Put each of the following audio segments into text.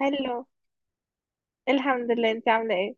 هلو. الحمد لله، انت عامله ايه؟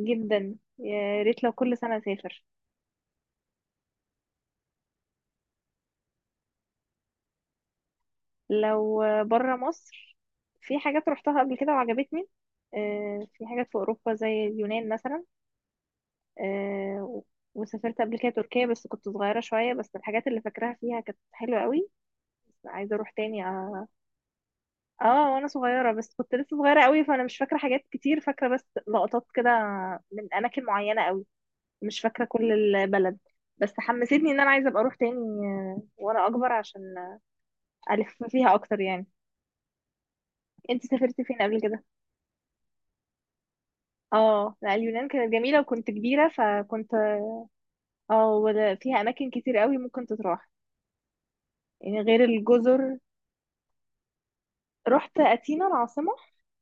جدا، يا ريت لو كل سنه اسافر. لو بره مصر في حاجات روحتها قبل كده وعجبتني. في حاجات في اوروبا زي اليونان مثلا. آه، و- وسافرت قبل كده تركيا بس كنت صغيره شويه، بس الحاجات اللي فاكراها فيها كانت حلوه قوي، بس عايزه اروح تاني. اه, آه وانا صغيره، بس كنت لسه صغيره قوي فانا مش فاكره حاجات كتير، فاكره بس لقطات كده من اماكن معينه قوي، مش فاكرة كل البلد. بس حمستني ان انا عايزة ابقى اروح تاني وانا اكبر عشان الف فيها اكتر يعني. انت سافرتي فين قبل كده؟ اه لا، اليونان كانت جميلة وكنت كبيرة فكنت اه فيها اماكن كتير قوي ممكن تتراح، يعني غير الجزر. رحت اثينا العاصمة،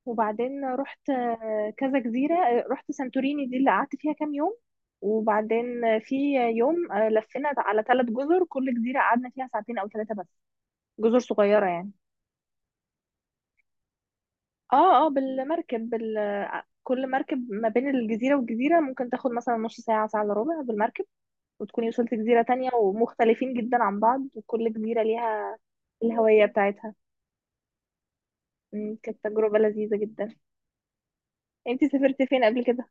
وبعدين رحت كذا جزيرة. رحت سانتوريني دي اللي قعدت فيها كام يوم، وبعدين في يوم لفينا على ثلاث جزر، كل جزيرة قعدنا فيها ساعتين أو ثلاثة بس، جزر صغيرة يعني. اه بالمركب، كل مركب ما بين الجزيرة والجزيرة ممكن تاخد مثلا نص ساعة، ساعة الا ربع بالمركب، وتكوني وصلت جزيرة تانية ومختلفين جدا عن بعض، وكل جزيرة ليها الهوية بتاعتها. مم، كانت تجربة لذيذة جدا. انتي سافرتي فين قبل كده؟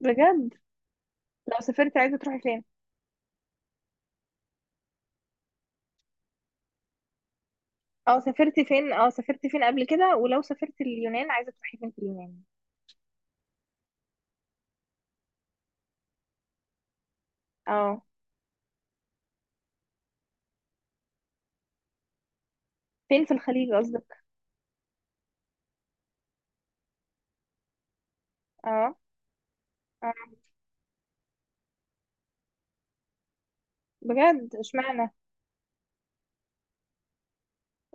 بجد. لو سافرتي عايزة تروحي فين؟ اه، سافرتي فين؟ اه سافرتي فين قبل كده؟ ولو سافرتي اليونان عايزة تروحي فين في اليونان؟ اه، فين في الخليج قصدك؟ اه. آه. بجد، اشمعنى؟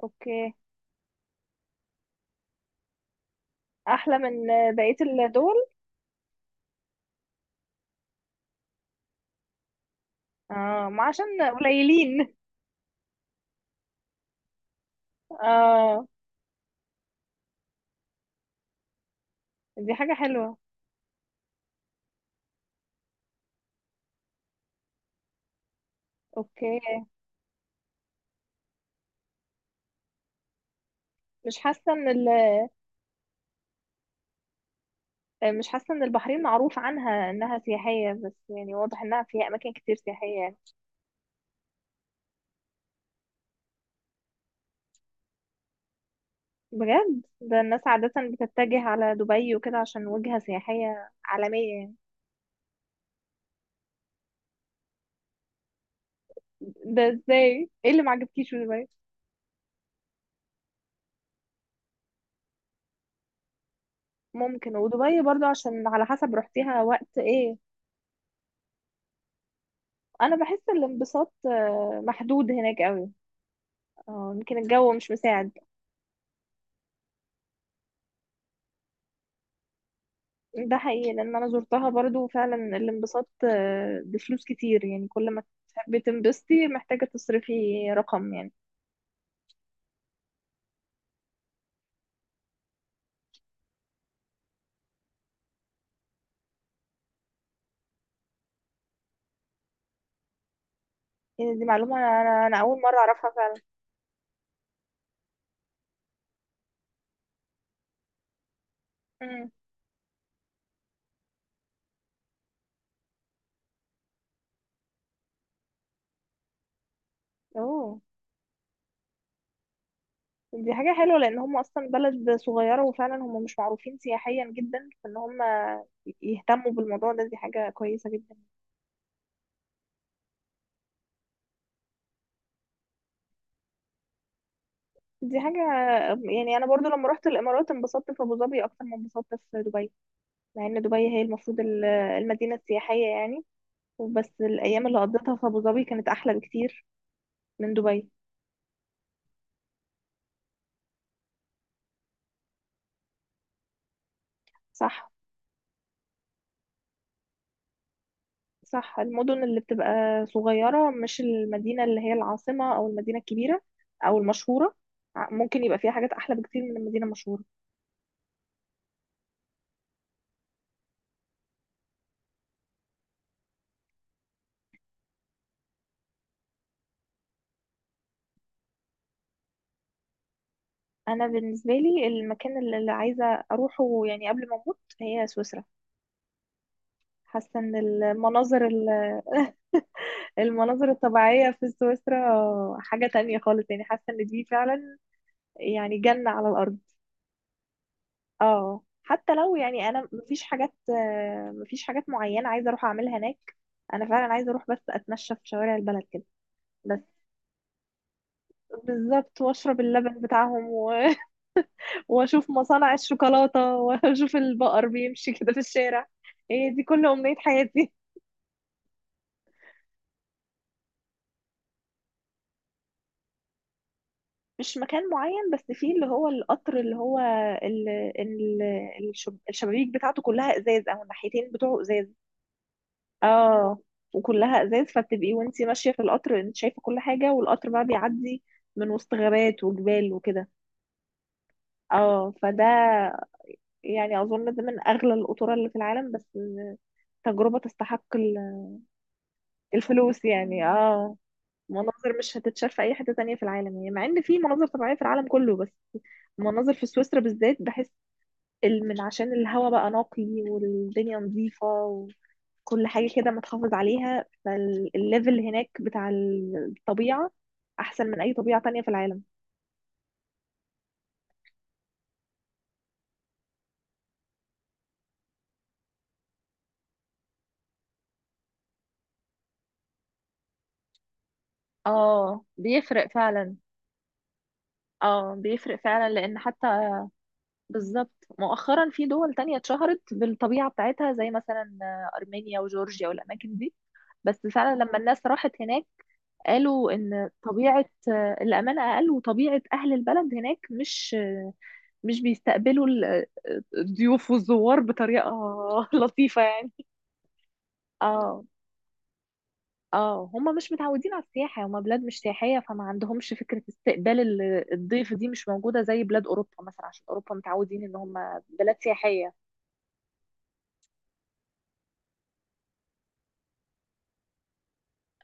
اوكي. احلى من بقية الدول. اه، ما عشان قليلين. اه، دي حاجة حلوة. اوكي. مش حاسة ان ال... مش حاسة ان البحرين معروف عنها انها سياحية، بس يعني واضح انها فيها اماكن كتير سياحية يعني. بجد؟ ده الناس عادة بتتجه على دبي وكده عشان وجهة سياحية عالمية يعني. ده ازاي؟ ايه اللي معجبكيش في دبي؟ ممكن. ودبي برضو عشان على حسب رحتيها وقت ايه. انا بحس الانبساط محدود هناك قوي. اه، يمكن الجو مش مساعد. ده حقيقي، لان انا زرتها برضو فعلا، الانبساط بفلوس كتير يعني، كل ما تحبي تنبسطي محتاجة تصرفي رقم يعني. يعني دي معلومة، انا انا أنا اول مرة اعرفها فعلا. امم. اوه. دي حاجة حلوة لان هم اصلا بلد صغيرة، وفعلا هم مش معروفين سياحيا جدا، فان هم يهتموا بالموضوع ده دي حاجة كويسة جدا. دي حاجة يعني، انا برضو لما رحت الامارات انبسطت في ابو ظبي اكتر ما انبسطت في دبي، مع ان دبي هي المفروض المدينة السياحية يعني. وبس الأيام اللي قضيتها في أبو ظبي كانت أحلى بكتير من دبي. صح. صح، المدن اللي بتبقى صغيرة مش المدينة اللي هي العاصمة أو المدينة الكبيرة أو المشهورة، ممكن يبقى فيها حاجات أحلى بكتير من المدينة المشهورة. أنا بالنسبة لي المكان اللي عايزة أروحه يعني قبل ما أموت هي سويسرا. حاسة إن المناظر ال- المناظر الطبيعية في سويسرا حاجة تانية خالص يعني، حاسة إن دي فعلا يعني جنة على الأرض. اه، حتى لو يعني انا مفيش حاجات، مفيش حاجات معينه عايزه اروح اعملها هناك. انا فعلا عايزه اروح بس اتمشى في شوارع البلد كده. بس بالظبط، واشرب اللبن بتاعهم و... واشوف مصانع الشوكولاته، واشوف البقر بيمشي كده في الشارع. هي دي كل امنيه حياتي. مش مكان معين، بس فيه اللي هو القطر اللي هو ال... ال... الشبابيك بتاعته كلها ازاز، او الناحيتين بتوعه ازاز. اه، وكلها ازاز، فبتبقي وانتي ماشيه في القطر انت شايفه كل حاجه، والقطر بقى بيعدي من وسط غابات وجبال وكده. اه، فده يعني اظن ده من اغلى القطورة اللي في العالم، بس تجربه تستحق الفلوس يعني. اه، مناظر مش هتتشاف في اي حته تانية في العالم يعني، مع ان في مناظر طبيعيه في العالم كله، بس مناظر في سويسرا بالذات، بحس ال- من عشان الهواء بقى نقي، والدنيا نظيفه، كل حاجة كده متحافظ عليها، فالليفل هناك بتاع الطبيعة أحسن من أي طبيعة تانية في العالم. اه بيفرق فعلا. اه بيفرق فعلا، لان حتى بالظبط مؤخرا في دول تانية اتشهرت بالطبيعة بتاعتها زي مثلا أرمينيا وجورجيا والأماكن دي، بس فعلا لما الناس راحت هناك قالوا إن طبيعة الأمان أقل، وطبيعة أهل البلد هناك مش مش بيستقبلوا الضيوف والزوار بطريقة لطيفة يعني. اه. اه هم مش متعودين على السياحة، هم بلاد مش سياحية، فما عندهمش فكرة استقبال الضيف دي مش موجودة زي بلاد أوروبا مثلا، عشان أوروبا متعودين إن هم بلاد سياحية.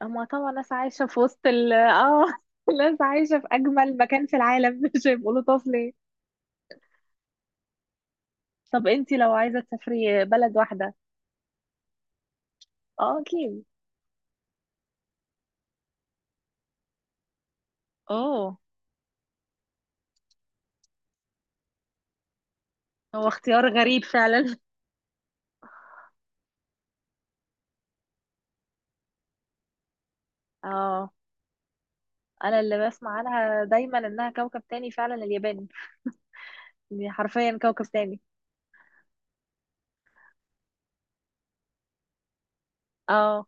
هم طبعا ناس عايشة في وسط ال اه ناس عايشة في أجمل مكان في العالم، مش هيبقوا لطاف ليه؟ طب انتي لو عايزة تسافري بلد واحدة؟ اه أكيد. اه، هو اختيار غريب فعلا. اه، أنا اللي بسمع عنها دايما إنها كوكب تاني فعلا، اليابان، دي حرفيا كوكب تاني. اه،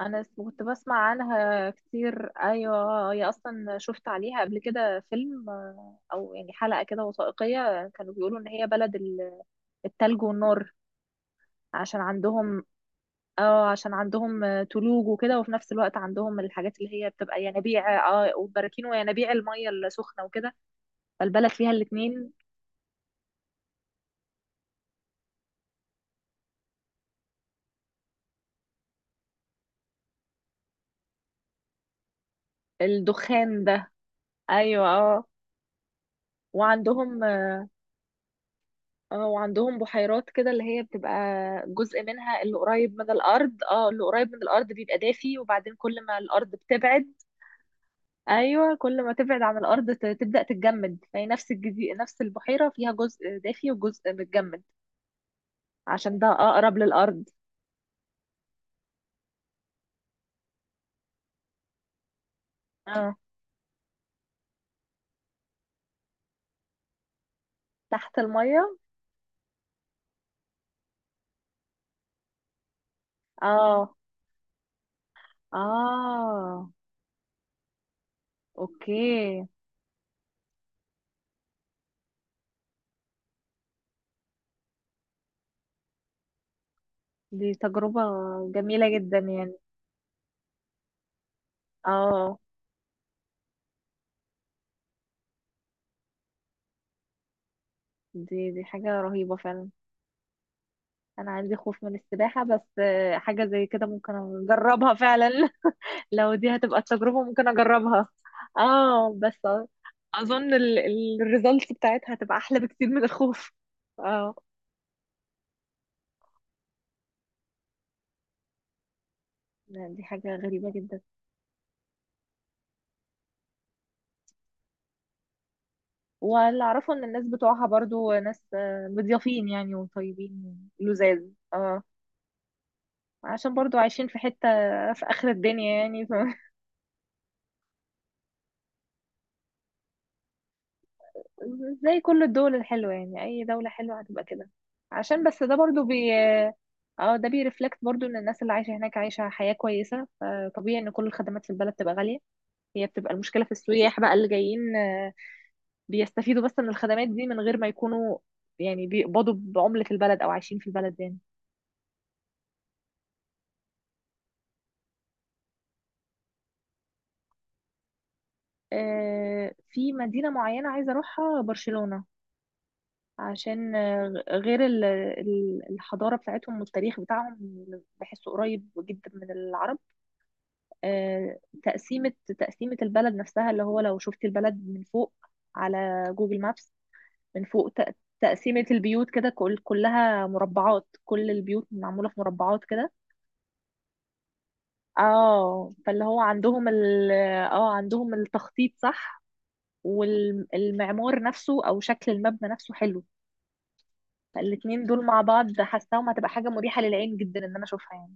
كنت بسمع عنها كتير، ايوه هي اصلا شفت عليها قبل كده فيلم، او يعني حلقة كده وثائقية، كانوا بيقولوا ان هي بلد التلج والنار، عشان عندهم اه، عشان عندهم تلوج وكده، وفي نفس الوقت عندهم الحاجات اللي هي بتبقى ينابيع اه، وبراكين وينابيع المية السخنة وكده، فالبلد فيها الاتنين. الدخان ده. ايوه اه. وعندهم اه، وعندهم بحيرات كده اللي هي بتبقى جزء منها اللي قريب من الارض، اه اللي قريب من الارض بيبقى دافي، وبعدين كل ما الارض بتبعد. ايوه، كل ما تبعد عن الارض تبدأ تتجمد، فهي نفس نفس البحيرة فيها جزء دافي وجزء متجمد عشان ده اقرب للارض. اه. تحت المية. اه. اه. اوكي. دي تجربة جميلة جدا يعني. اه. دي دي حاجة رهيبة فعلا. انا عندي خوف من السباحة، بس حاجة زي كده ممكن اجربها فعلا. لو دي هتبقى التجربة ممكن اجربها. اه بس اظن الريزلتس بتاعتها هتبقى احلى بكتير من الخوف. اه. لا، دي حاجة غريبة جدا. واللي اعرفه ان الناس بتوعها برضو ناس مضيافين يعني وطيبين لزاز. اه، عشان برضو عايشين في حتة في اخر الدنيا يعني. زي كل الدول الحلوة يعني، أي دولة حلوة هتبقى كده، عشان بس ده برضو اه، ده بيرفلكت برضو ان الناس اللي عايشة هناك عايشة حياة كويسة، فطبيعي ان كل الخدمات في البلد تبقى غالية. هي بتبقى المشكلة في السياح بقى اللي جايين بيستفيدوا بس من الخدمات دي من غير ما يكونوا يعني بيقبضوا بعملة البلد او عايشين في البلد يعني. في مدينة معينة عايزة اروحها، برشلونة. عشان آه، غير ال- ال- الحضارة بتاعتهم والتاريخ بتاعهم بحسه قريب جدا من العرب. آه، تقسيمة تقسيمة البلد نفسها اللي هو لو شفت البلد من فوق، على جوجل مابس، من فوق تق- تقسيمة البيوت كده، كل كلها مربعات، كل البيوت معمولة في مربعات كده. اه، فاللي هو عندهم ال اه عندهم التخطيط صح، والمعمار نفسه او شكل المبنى نفسه حلو، فالاتنين دول مع بعض حاساهم هتبقى حاجة مريحة للعين جدا ان انا اشوفها يعني.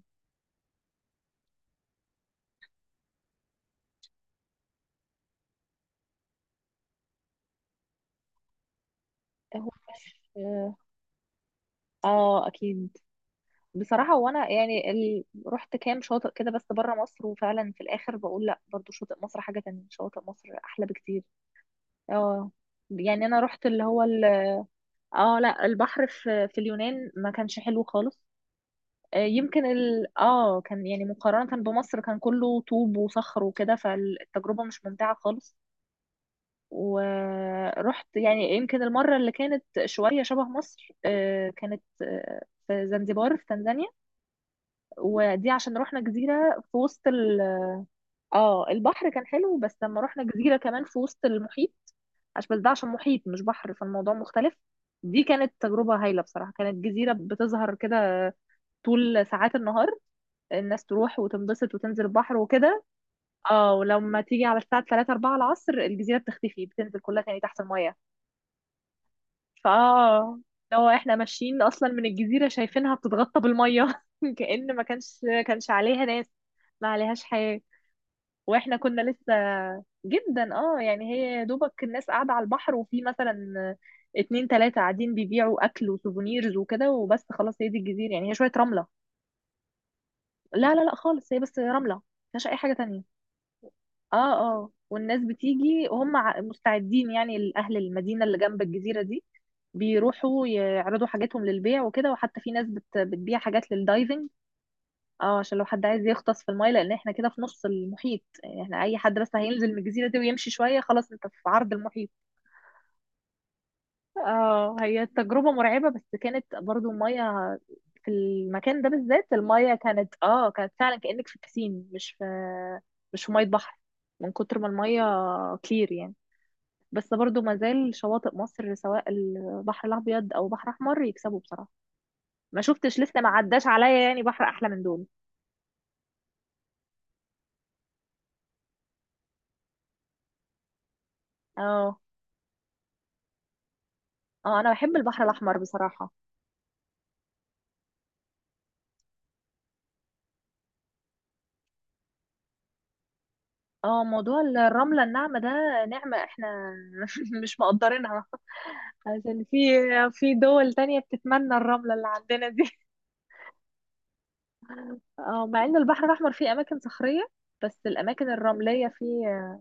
هو مش اه اكيد. بصراحة وانا يعني رحت كام شاطئ كده بس بره مصر، وفعلا في الاخر بقول لا برضو شاطئ مصر حاجة تانية، شاطئ مصر احلى بكتير. اه، يعني انا رحت اللي هو اه لا، البحر في في اليونان ما كانش حلو خالص، اه كان يعني مقارنة بمصر كان كله طوب وصخر وكده، فالتجربة مش ممتعة خالص. ورحت يعني يمكن المرة اللي كانت شوية شبه مصر كانت في زنزبار في تنزانيا، ودي عشان رحنا جزيرة في وسط ال اه البحر كان حلو، بس لما رحنا جزيرة كمان في وسط المحيط، عشان بس ده عشان محيط مش بحر فالموضوع مختلف. دي كانت تجربة هايلة بصراحة، كانت جزيرة بتظهر كده طول ساعات النهار، الناس تروح وتنبسط وتنزل البحر وكده، اه ولما تيجي على الساعة 3 4 العصر الجزيرة بتختفي، بتنزل كلها تاني تحت المية. فاه لو احنا ماشيين اصلا من الجزيرة شايفينها بتتغطى بالمية، كأن ما كانش كانش عليها ناس، ما عليهاش حياة. واحنا كنا لسه جدا، اه يعني هي يا دوبك الناس قاعدة على البحر، وفي مثلا اتنين تلاتة قاعدين بيبيعوا أكل وسوفونيرز وكده، وبس خلاص هي دي الجزيرة يعني، هي شوية رملة. لا لا لا خالص، هي بس رملة، مفيهاش أي حاجة تانية. اه. اه والناس بتيجي وهم مستعدين يعني، الأهل المدينة اللي جنب الجزيرة دي بيروحوا يعرضوا حاجاتهم للبيع وكده، وحتى في ناس بتبيع حاجات للدايفنج. اه عشان لو حد عايز يغطس في المايه، لان احنا كده في نص المحيط يعني، احنا اي حد بس هينزل من الجزيره دي ويمشي شويه خلاص انت في عرض المحيط. اه هي تجربة مرعبة، بس كانت برضو المية في المكان ده بالذات المية كانت اه، كانت فعلا كأنك في بسين، مش في مش في مية بحر، من كتر ما المية كلير يعني. بس برضو ما زال شواطئ مصر سواء البحر الأبيض أو بحر أحمر يكسبوا بصراحة. ما شفتش لسه، ما عداش عليا يعني بحر أحلى من دول. اه. اه أنا بحب البحر الأحمر بصراحة. اه، موضوع الرملة الناعمة ده نعمة احنا مش مقدرينها، عشان في في دول تانية بتتمنى الرملة اللي عندنا دي. اه مع ان البحر الأحمر فيه أماكن صخرية بس الأماكن الرملية فيه.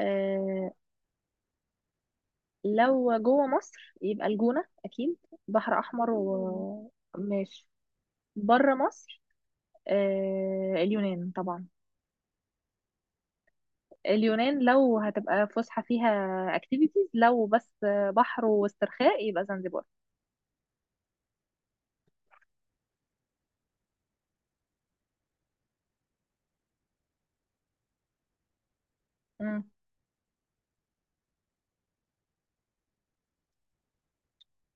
آه، لو جوه مصر يبقى الجونة أكيد، بحر أحمر وماشي. بره مصر آه اليونان طبعا، اليونان لو هتبقى فسحة فيها اكتيفيتيز، لو بس بحر واسترخاء يبقى زنجبار.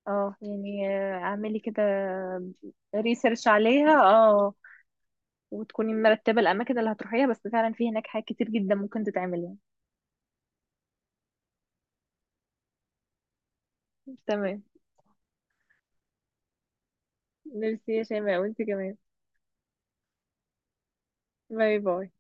اه يعني اعملي كده ريسيرش عليها، اه وتكوني مرتبة الأماكن اللي هتروحيها، بس فعلا في هناك حاجات كتير جدا ممكن تتعمل يعني. تمام. ميرسي يا شيماء، وانت كمان. باي باي.